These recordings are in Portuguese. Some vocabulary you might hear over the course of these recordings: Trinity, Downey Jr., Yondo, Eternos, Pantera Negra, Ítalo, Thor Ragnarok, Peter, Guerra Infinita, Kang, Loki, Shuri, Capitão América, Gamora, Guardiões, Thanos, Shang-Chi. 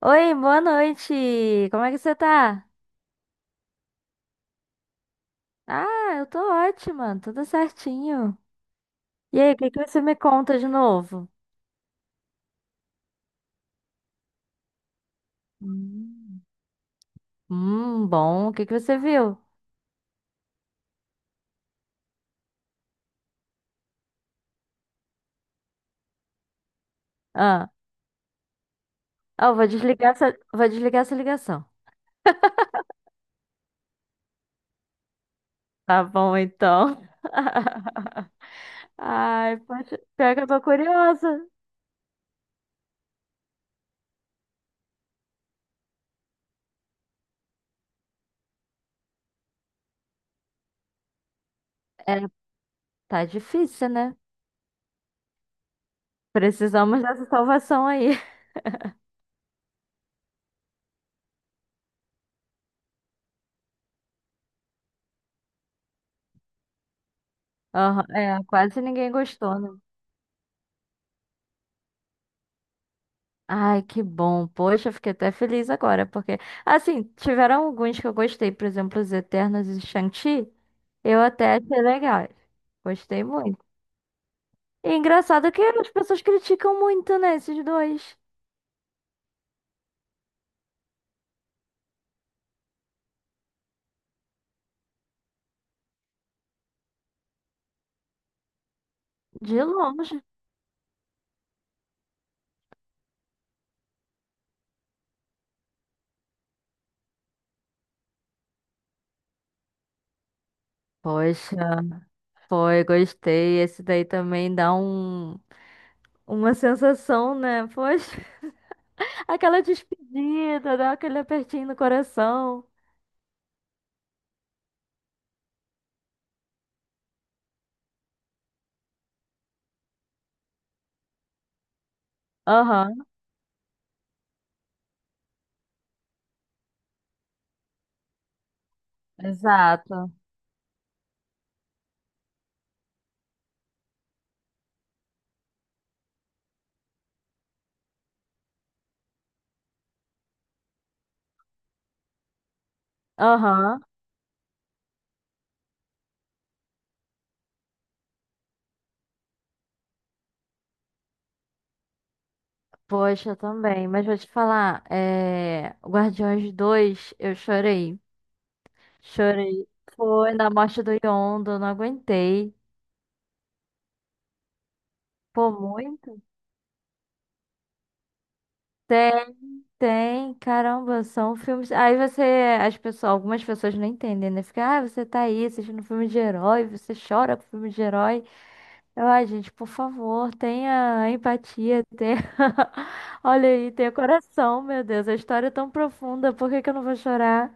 Oi, boa noite. Como é que você tá? Ah, eu tô ótima, tudo certinho. E aí, o que que você me conta de novo? Hum, bom. O que que você viu? Ah, eu vou desligar essa ligação. Tá bom, então. Ai, poxa, pior que eu tô curiosa. É, tá difícil, né? Precisamos dessa salvação aí. Aham, é, quase ninguém gostou, né? Ai, que bom. Poxa, eu fiquei até feliz agora, porque, assim, tiveram alguns que eu gostei, por exemplo, os Eternos e Shang-Chi, eu até achei legal. Gostei muito. E engraçado que as pessoas criticam muito, né, esses dois, de longe. Poxa, foi, gostei. Esse daí também dá uma sensação, né? Poxa, aquela despedida, dá aquele apertinho no coração. Aham, exato. Aham. Poxa, também. Mas vou te falar, Guardiões 2, eu chorei. Chorei. Foi na morte do Yondo, não aguentei. Pô, muito? Tem, tem. Caramba, são filmes. Aí você. Algumas pessoas não entendem, né? Fica, ah, você tá aí assistindo filme de herói, você chora com filme de herói. Ai, gente, por favor, tenha empatia, tenha. Olha aí, tenha coração, meu Deus. A história é tão profunda, por que que eu não vou chorar?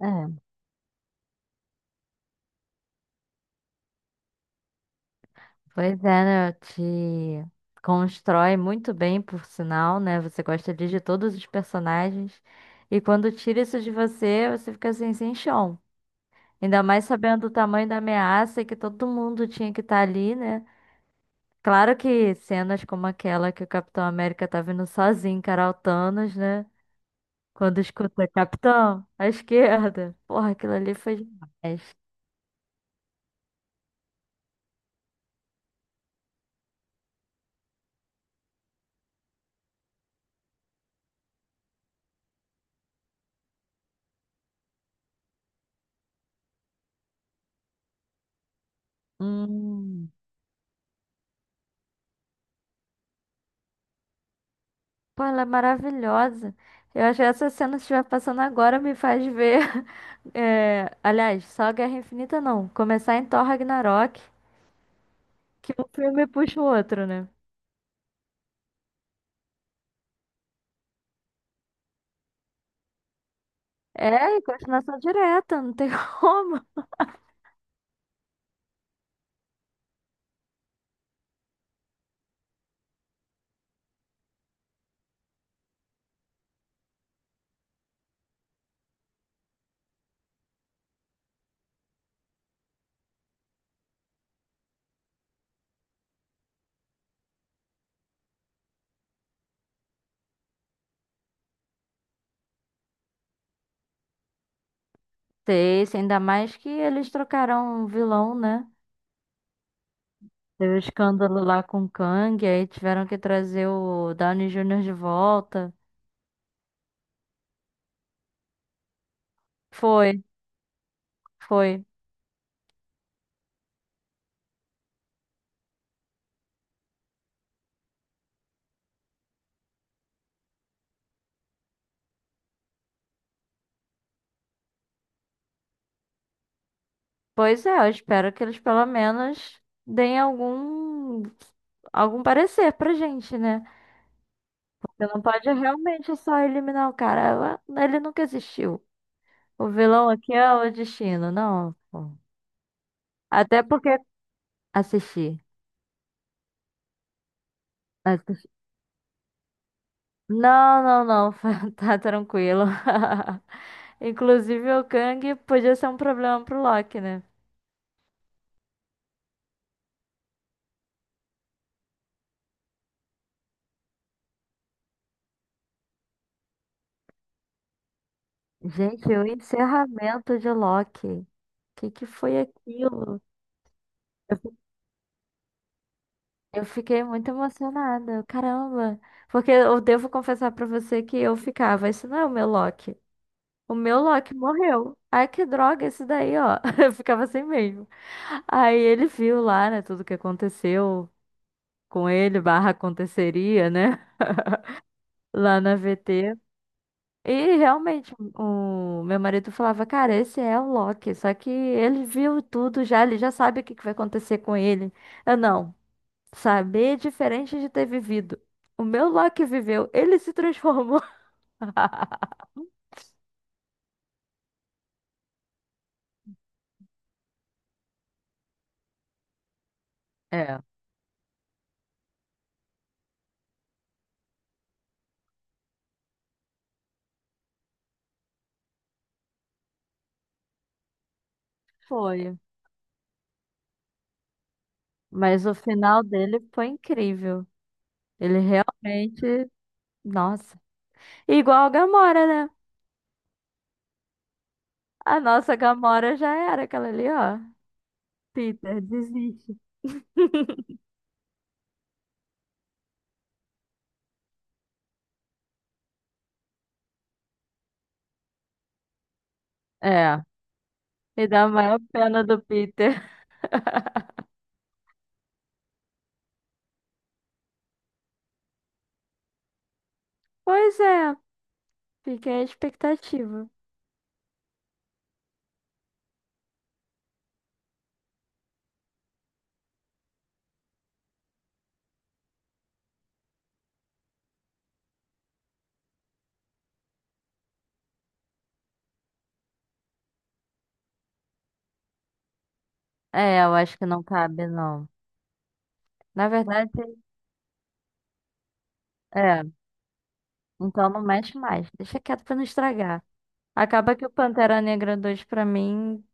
É. Pois é, né? Te constrói muito bem, por sinal, né? Você gosta ali de todos os personagens. E quando tira isso de você, você fica assim, sem chão. Ainda mais sabendo o tamanho da ameaça e que todo mundo tinha que estar ali, né? Claro que cenas como aquela que o Capitão América tá vindo sozinho encarar o Thanos, né? Quando escuta Capitão, à esquerda. Porra, aquilo ali foi demais. Hum. Pô, ela é maravilhosa. Eu acho que essa cena que estiver passando agora me faz ver. Aliás, só Guerra Infinita não. Começar em Thor Ragnarok, que um filme puxa o outro, né? É, e continuação direta, não tem como. Sei, sei, ainda mais que eles trocaram um vilão, né? Teve o escândalo lá com o Kang, aí tiveram que trazer o Downey Júnior de volta. Foi, foi. Pois é, eu espero que eles pelo menos deem algum parecer pra gente, né? Você não pode realmente só eliminar o cara. Ah, ele nunca existiu. O vilão aqui é o destino, não. Pô. Até porque assisti. Assisti. Não, não, não, tá tranquilo. Inclusive o Kang podia ser um problema pro Loki, né? Gente, o encerramento de Loki. O que que foi aquilo? Eu fiquei muito emocionada, caramba. Porque eu devo confessar pra você que eu ficava, isso não é o meu Loki. O meu Loki morreu. Ai, que droga, esse daí, ó. Eu ficava assim mesmo. Aí ele viu lá, né, tudo que aconteceu com ele, barra aconteceria, né, lá na VT. E realmente, o meu marido falava, cara, esse é o Loki. Só que ele viu tudo já, ele já sabe o que que vai acontecer com ele. Eu não. Saber é diferente de ter vivido. O meu Loki viveu, ele se transformou. É. Foi. Mas o final dele foi incrível. Ele realmente. Nossa. Igual a Gamora, né? A nossa Gamora já era aquela ali, ó. Peter, desiste. É. E dá a maior pena do Peter. Pois é, fiquei a expectativa. É, eu acho que não cabe, não. Na verdade, é. Então não mexe mais. Deixa quieto pra não estragar. Acaba que o Pantera Negra 2 pra mim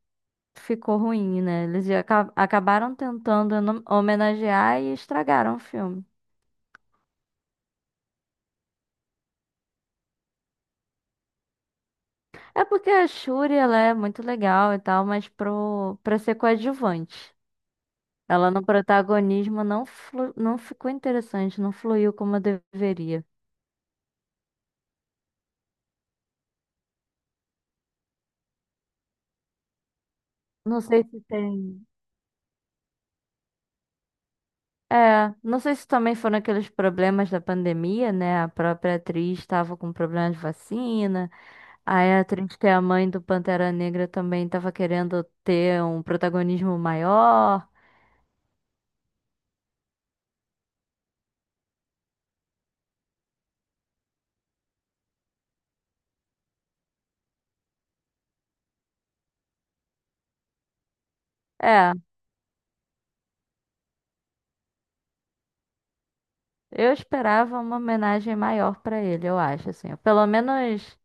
ficou ruim, né? Acabaram tentando no- homenagear e estragaram o filme. É porque a Shuri, ela é muito legal e tal, mas pro para ser coadjuvante. Ela no protagonismo não ficou interessante, não fluiu como deveria. Não sei se tem. É, não sei se também foram aqueles problemas da pandemia, né? A própria atriz estava com problema de vacina. Aí a Trinity, a mãe do Pantera Negra, também tava querendo ter um protagonismo maior. É, eu esperava uma homenagem maior pra ele, eu acho, assim. Pelo menos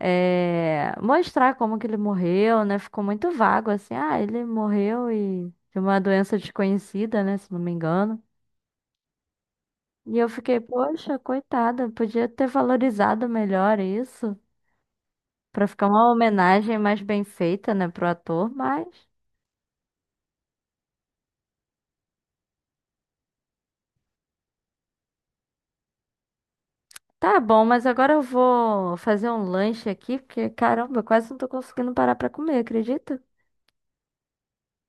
é, mostrar como que ele morreu, né? Ficou muito vago, assim. Ah, ele morreu e de uma doença desconhecida, né? Se não me engano. E eu fiquei, poxa, coitada, podia ter valorizado melhor isso. Pra ficar uma homenagem mais bem feita, né, pro ator, mas. Tá bom, mas agora eu vou fazer um lanche aqui, porque caramba, eu quase não tô conseguindo parar pra comer, acredita?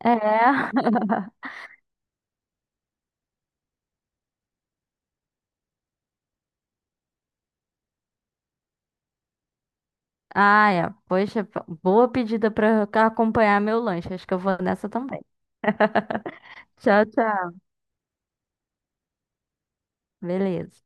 É. Ah, é. Poxa, boa pedida pra acompanhar meu lanche. Acho que eu vou nessa também. Tchau, tchau. Beleza.